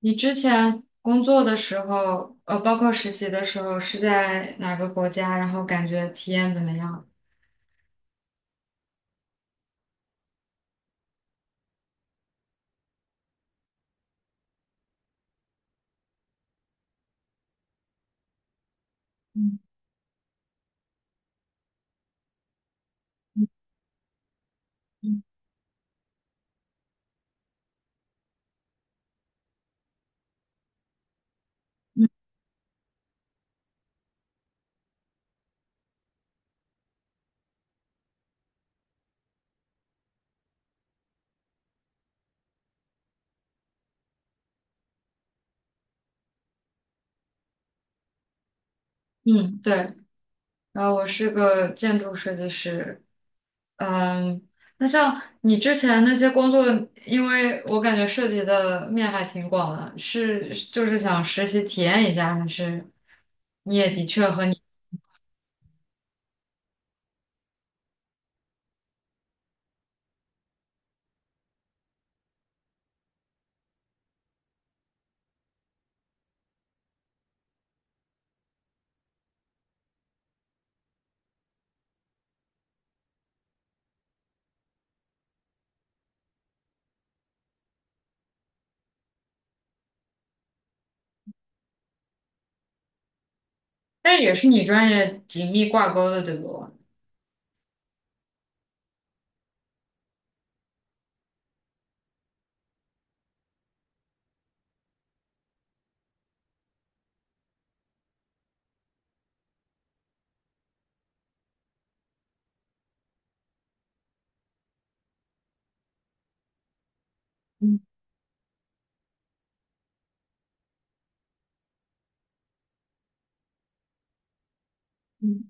你之前工作的时候，包括实习的时候是在哪个国家？然后感觉体验怎么样？嗯嗯，嗯，对。然后我是个建筑设计师。嗯，那像你之前那些工作，因为我感觉涉及的面还挺广的，是就是想实习体验一下，还是你也的确和你，但也是你专业紧密挂钩的，对不？嗯嗯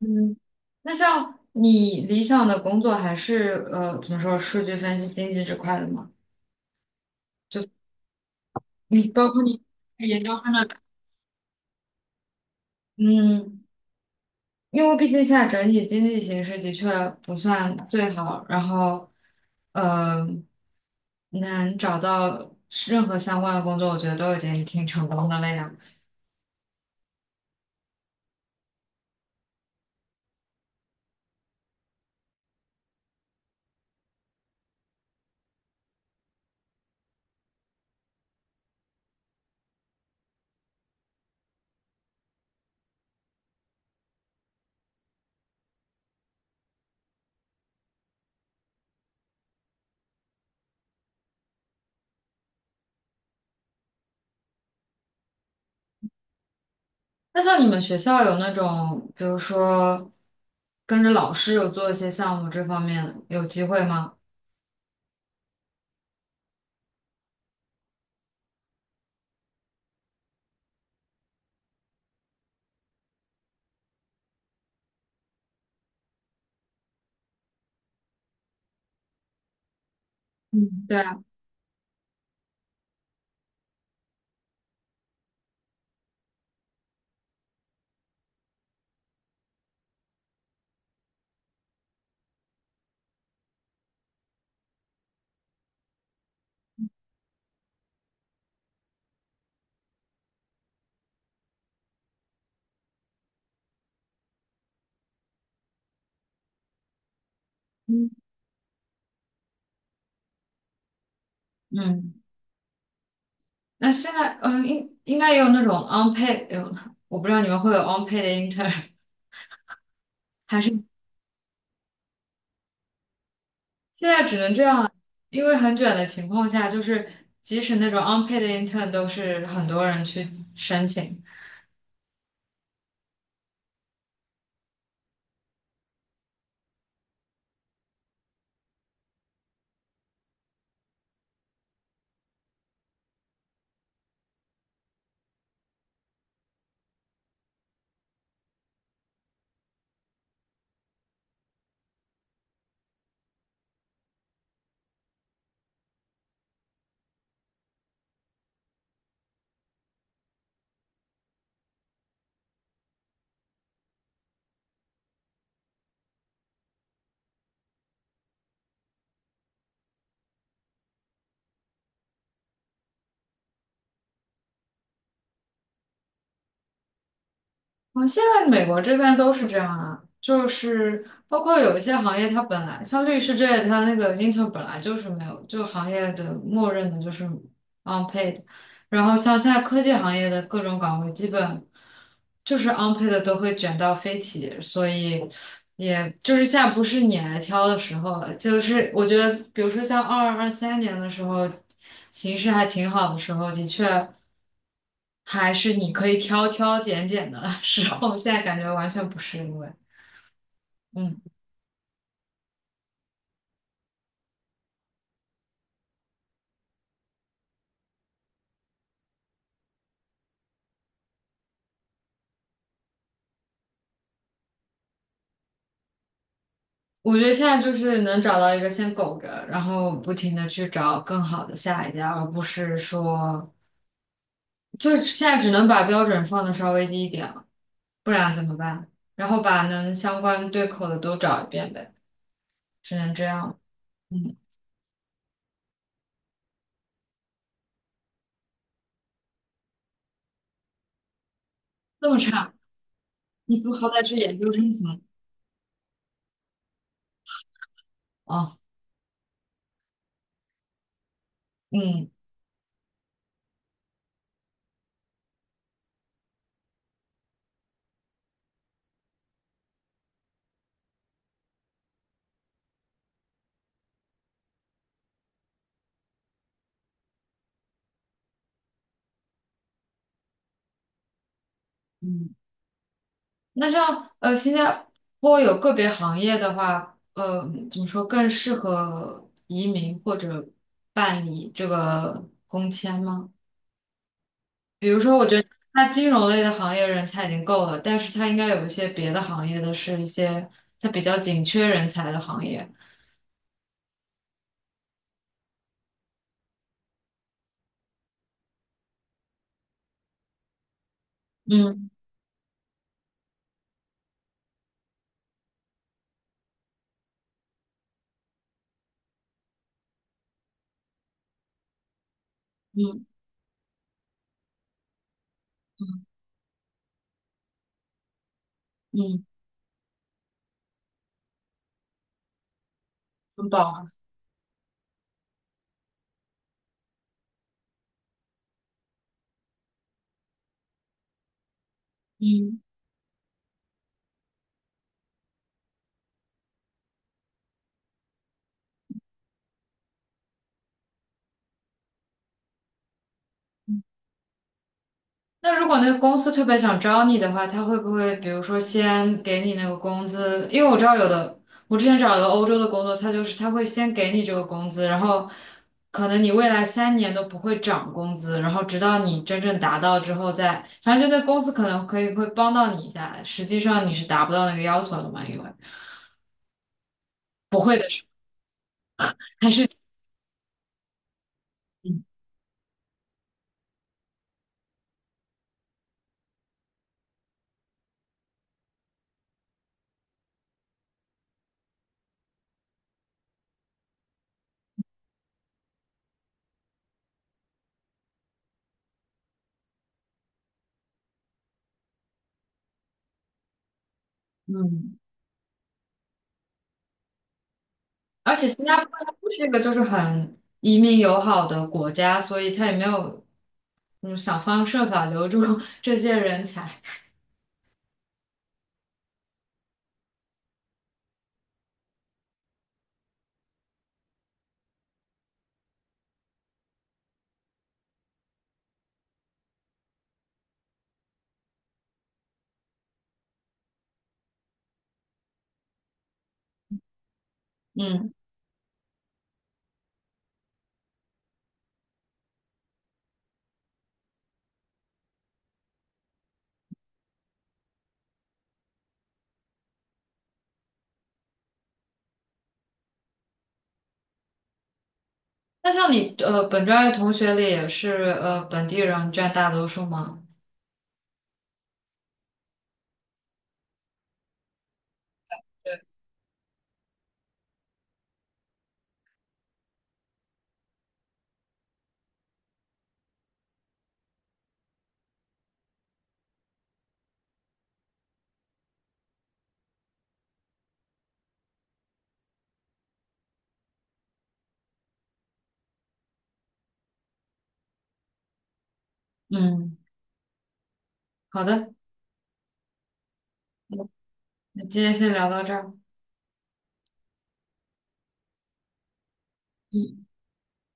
嗯，那像你理想的工作还是怎么说数据分析经济这块的吗？你包括你研究生的，嗯，因为毕竟现在整体经济形势的确不算最好，然后呃能找到任何相关的工作，我觉得都已经挺成功的了呀。那像你们学校有那种，比如说跟着老师有做一些项目这方面，有机会吗？嗯，对啊，嗯嗯。那现在，嗯，应该也有那种 unpaid,有，我不知道你们会有 unpaid 的 intern,现在只能这样了，因为很卷的情况下，就是即使那种 unpaid 的 intern 都是很多人去申请，啊，现在美国这边都是这样啊，就是包括有一些行业，它本来像律师这类它那个 intern 本来就是没有，就行业的默认的就是 unpaid,然后像现在科技行业的各种岗位，基本就是 unpaid 的都会卷到飞起，所以也就是现在不是你来挑的时候了，就是我觉得，比如说像二二二三年的时候，形势还挺好的时候，的确。还是你可以挑挑拣拣的时候，现在感觉完全不是因为，嗯，我觉得现在就是能找到一个先苟着，然后不停的去找更好的下一家，而不是说，就现在只能把标准放的稍微低一点了，不然怎么办？然后把能相关对口的都找一遍呗，只能这样。嗯，这么差，你不好歹是研究生行吗？哦，嗯嗯。那像新加坡有个别行业的话，怎么说更适合移民或者办理这个工签吗？比如说，我觉得它金融类的行业人才已经够了，但是它应该有一些别的行业的是一些它比较紧缺人才的行业。嗯嗯嗯，嗯，很饱和。那如果那个公司特别想招你的话，他会不会比如说先给你那个工资？因为我知道有的，我之前找一个欧洲的工作，他就是他会先给你这个工资，然后可能你未来三年都不会涨工资，然后直到你真正达到之后再，反正就那公司可能可以会帮到你一下，实际上你是达不到那个要求的嘛，因为不会的事还是嗯嗯。而且新加坡它不是一个就是很移民友好的国家，所以它也没有想方设法留住 这些人才。嗯，那像你本专业同学里也是本地人占大多数吗？对，嗯，好的，那今天先聊到这儿。嗯。